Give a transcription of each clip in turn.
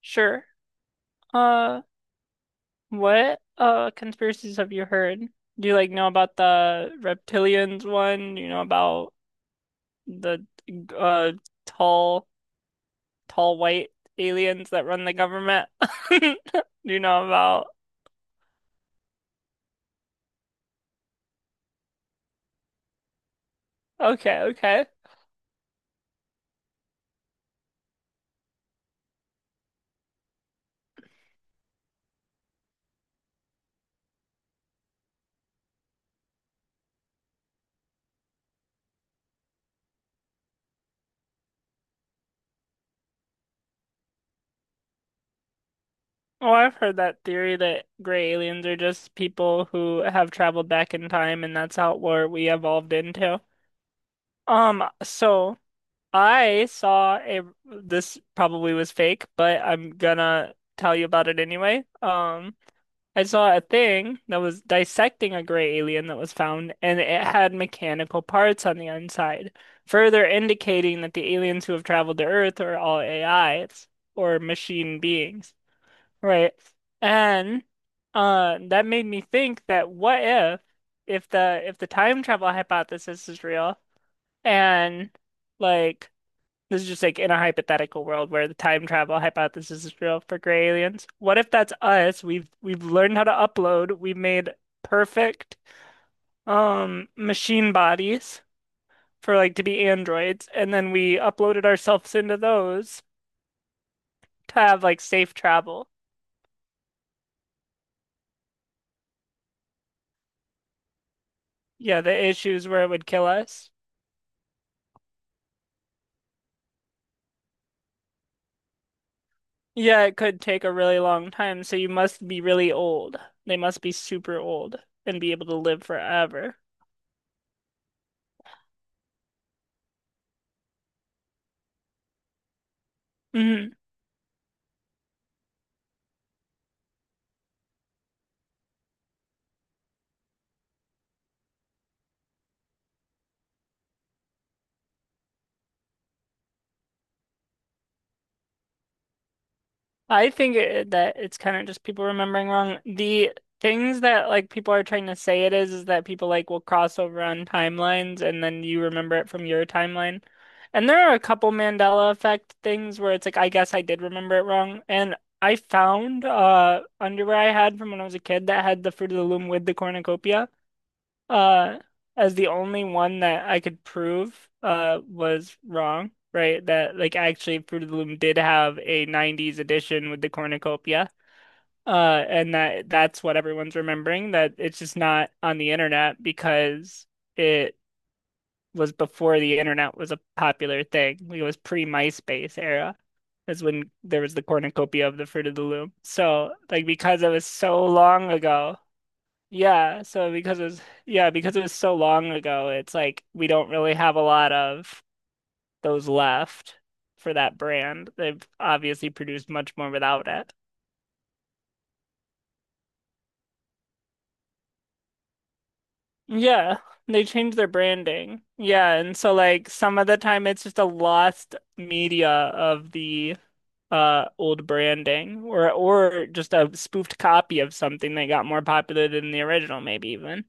Sure. Uh, what conspiracies have you heard? Do you like know about the reptilians one? Do you know about the uh tall tall white aliens that run the government? Do you know about? Okay, okay. Well, I've heard that theory that gray aliens are just people who have traveled back in time and that's how where we evolved into. So I saw a this probably was fake, but I'm gonna tell you about it anyway. I saw a thing that was dissecting a gray alien that was found, and it had mechanical parts on the inside, further indicating that the aliens who have traveled to Earth are all AIs or machine beings, right? And that made me think that what if if the time travel hypothesis is real and like this is just like in a hypothetical world where the time travel hypothesis is real for gray aliens. What if that's us? We've learned how to upload. We've made perfect machine bodies for to be androids, and then we uploaded ourselves into those to have like safe travel. Yeah, the issues where it would kill us. Yeah, it could take a really long time, so you must be really old. They must be super old and be able to live forever. Mhm. I think that it's kind of just people remembering wrong. The things that like people are trying to say it is that people like will cross over on timelines and then you remember it from your timeline. And there are a couple Mandela effect things where it's like I guess I did remember it wrong. And I found underwear I had from when I was a kid that had the Fruit of the Loom with the cornucopia uh as the only one that I could prove was wrong, right? That like actually Fruit of the Loom did have a 90s edition with the cornucopia. And that that's what everyone's remembering, that it's just not on the internet because it was before the internet was a popular thing. It was pre-MySpace era. Is when there was the cornucopia of the Fruit of the Loom. So, like, because it was so long ago, yeah, so because it's Yeah, because it was so long ago, it's like we don't really have a lot of those left for that brand. They've obviously produced much more without it. Yeah, they changed their branding. Yeah, and so like some of the time it's just a lost media of the old branding or just a spoofed copy of something that got more popular than the original maybe even.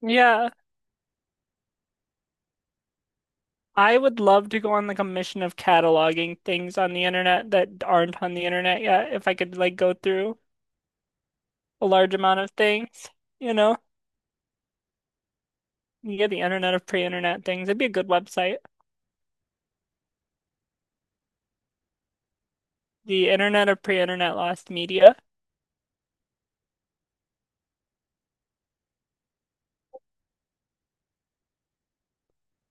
Yeah. I would love to go on like a mission of cataloging things on the internet that aren't on the internet yet. If I could like go through a large amount of things, you know, yeah, the internet of pre-internet things. It'd be a good website. The internet of pre-internet lost media.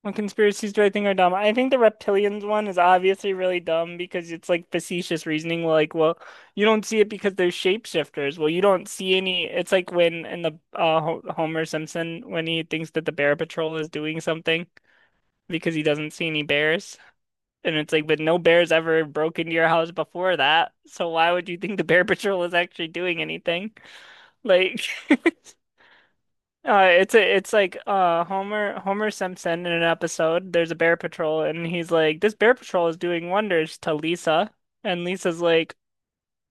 What conspiracies do I think are dumb? I think the reptilians one is obviously really dumb because it's like facetious reasoning. Like, well, you don't see it because they're shapeshifters. Well, you don't see any. It's like when in the Homer Simpson when he thinks that the Bear Patrol is doing something, because he doesn't see any bears. And it's like, but no bears ever broke into your house before that. So why would you think the Bear Patrol is actually doing anything? Like, uh, it's like Homer Simpson in an episode. There's a Bear Patrol, and he's like, this Bear Patrol is doing wonders to Lisa, and Lisa's like,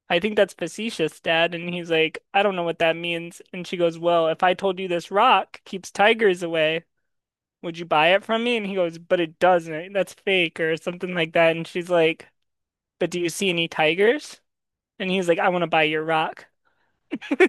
I think that's facetious, Dad. And he's like, I don't know what that means. And she goes, well, if I told you this rock keeps tigers away, would you buy it from me? And he goes, but it doesn't. That's fake or something like that. And she's like, but do you see any tigers? And he's like, I want to buy your rock.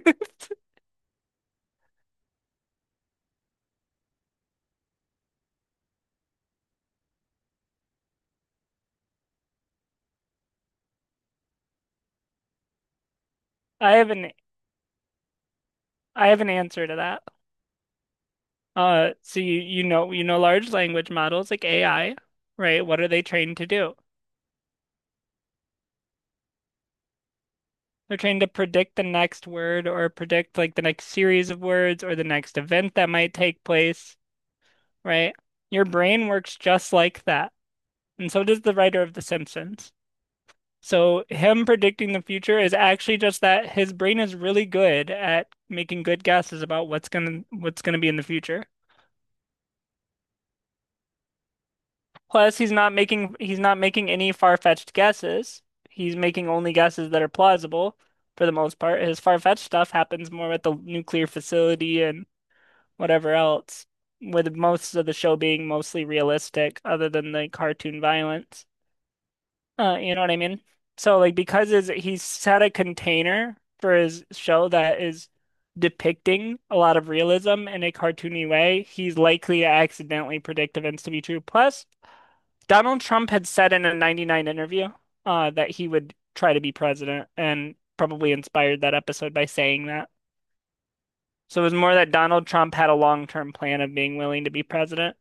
I have an I have an answer to that. You know large language models like AI, right? What are they trained to do? They're trained to predict the next word or predict like the next series of words or the next event that might take place, right? Your brain works just like that. And so does the writer of The Simpsons. So him predicting the future is actually just that his brain is really good at making good guesses about what's gonna be in the future. Plus, he's not making any far-fetched guesses. He's making only guesses that are plausible for the most part. His far-fetched stuff happens more at the nuclear facility and whatever else, with most of the show being mostly realistic other than the cartoon violence. You know what I mean? So like he's had a container for his show that is depicting a lot of realism in a cartoony way, he's likely to accidentally predict events to be true. Plus, Donald Trump had said in a 99 interview that he would try to be president and probably inspired that episode by saying that. So it was more that Donald Trump had a long-term plan of being willing to be president.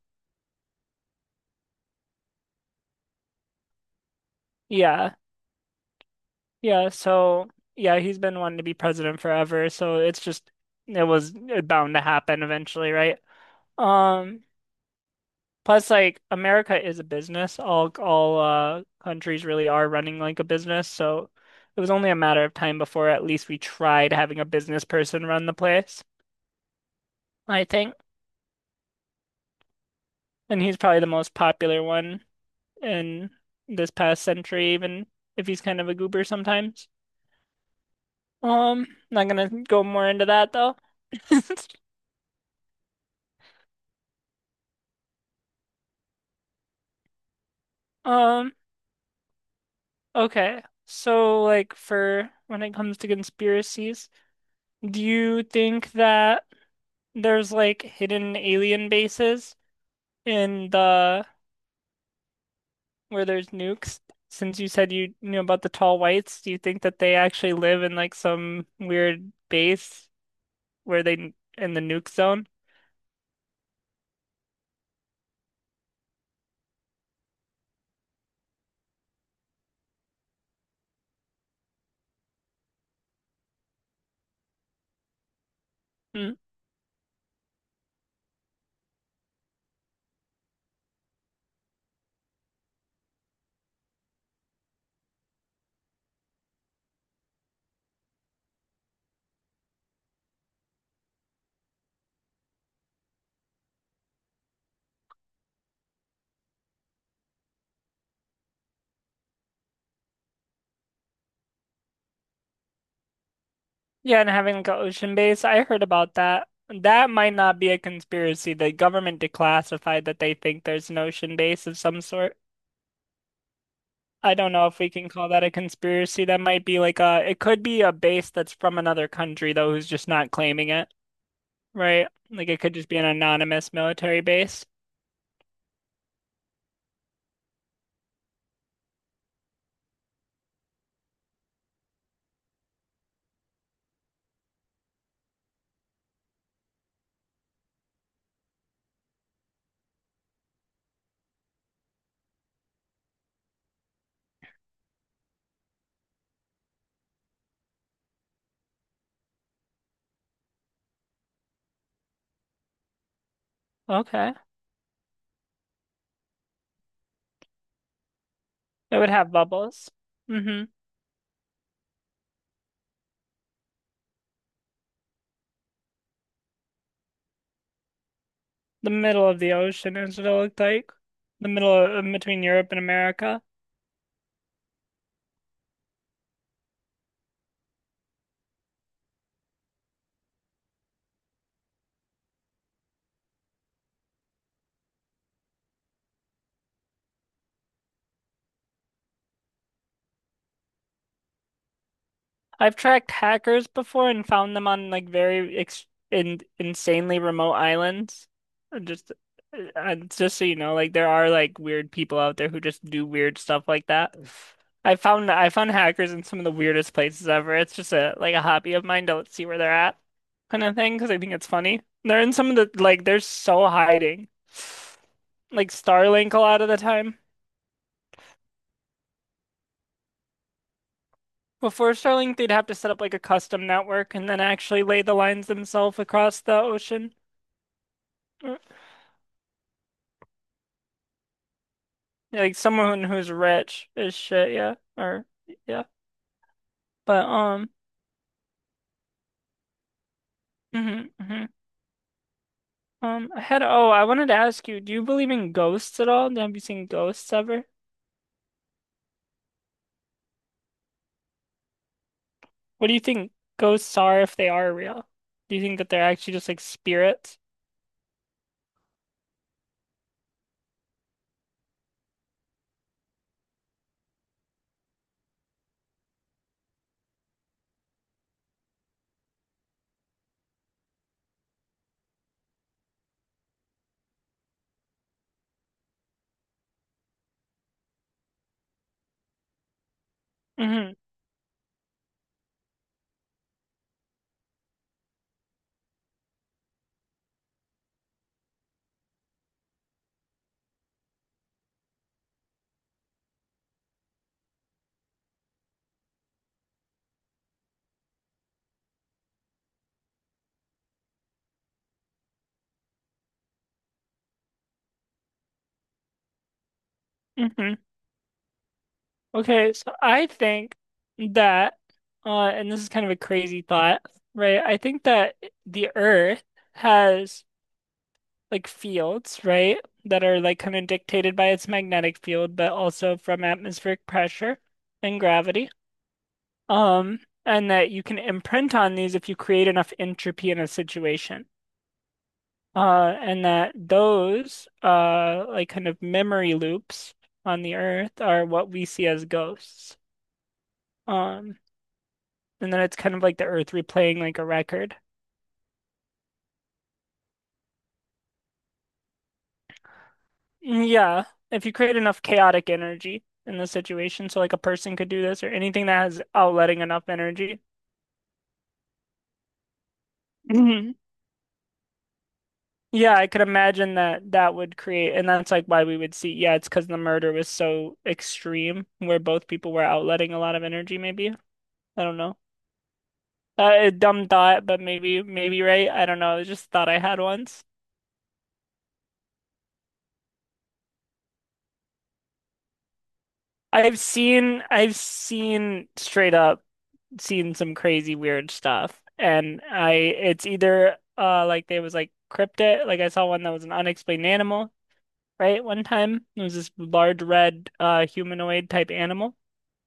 Yeah. Yeah, so yeah, he's been wanting to be president forever, so it's just it was bound to happen eventually, right? Um, plus like America is a business. All countries really are running like a business, so it was only a matter of time before at least we tried having a business person run the place, I think. And he's probably the most popular one in this past century, even if he's kind of a goober sometimes. Not gonna go more into that though. Um, Okay. So, like, for when it comes to conspiracies, do you think that there's like hidden alien bases in the where there's nukes? Since you said you knew about the tall whites, do you think that they actually live in like some weird base where they in the nuke zone? Mm. Yeah, and having like an ocean base. I heard about that. That might not be a conspiracy. The government declassified that they think there's an ocean base of some sort. I don't know if we can call that a conspiracy. That might be like a, it could be a base that's from another country though, who's just not claiming it, right? Like it could just be an anonymous military base. Okay. It would have bubbles. Mm-hmm. The middle of the ocean is what it looked like. The middle of, in between Europe and America. I've tracked hackers before and found them on like very ex in insanely remote islands. Uh, Just just so you know, like there are like weird people out there who just do weird stuff like that. I found hackers in some of the weirdest places ever. It's just a like a hobby of mine to like, see where they're at kind of thing because I think it's funny. They're in some of the like they're so hiding. Like Starlink a lot of the time. Before Starlink, they'd have to set up like a custom network and then actually lay the lines themselves across the ocean. Or, like someone who's rich is shit, yeah. Or yeah. But mhm, mhm. I wanted to ask you, do you believe in ghosts at all? Have you seen ghosts ever? What do you think ghosts are if they are real? Do you think that they're actually just like spirits? Mm-hmm. Mm-hmm. Okay, so I think that, and this is kind of a crazy thought, right? I think that the Earth has like fields, right? That are like kind of dictated by its magnetic field, but also from atmospheric pressure and gravity. Um, and that you can imprint on these if you create enough entropy in a situation. And that those, like kind of memory loops on the Earth are what we see as ghosts. Um, And then it's kind of like the earth replaying like a record. Yeah, if you create enough chaotic energy in the situation, so like a person could do this or anything that has outletting enough energy. Mhm. Yeah, I could imagine that that would create, and that's like why we would see. Yeah, it's because the murder was so extreme, where both people were outletting a lot of energy. Maybe I don't know. A dumb thought, but maybe right. I don't know. It's just a thought I had once. I've seen straight up seen some crazy weird stuff. And I it's either like there was like cryptid, like I saw one that was an unexplained animal, right? One time. It was this large red humanoid type animal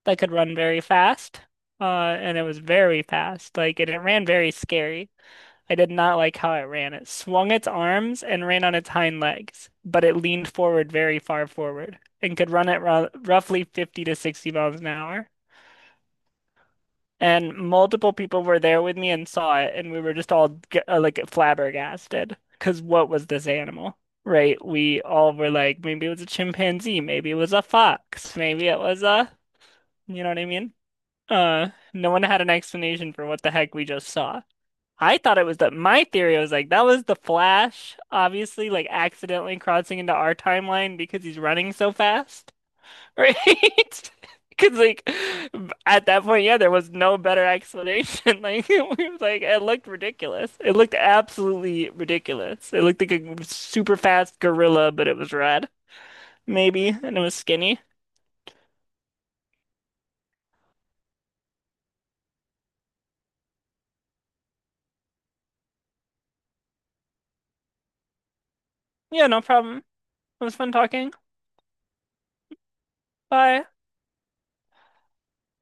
that could run very fast. Uh and it was very fast. Like and it ran very scary. I did not like how it ran. It swung its arms and ran on its hind legs, but it leaned forward very far forward and could run at ro roughly 50 to 60 miles an hour. And multiple people were there with me and saw it, and we were just all like flabbergasted. Because what was this animal? Right? We all were like, maybe it was a chimpanzee, maybe it was a fox, maybe it was a, you know what I mean? Uh, no one had an explanation for what the heck we just saw. I thought it was that my theory was like, that was the Flash, obviously, like accidentally crossing into our timeline because he's running so fast. Right? Because like at that point, yeah, there was no better explanation. Like it was like it looked ridiculous. It looked absolutely ridiculous. It looked like a super fast gorilla, but it was red, maybe, and it was skinny. Yeah, no problem. It was fun talking. Bye.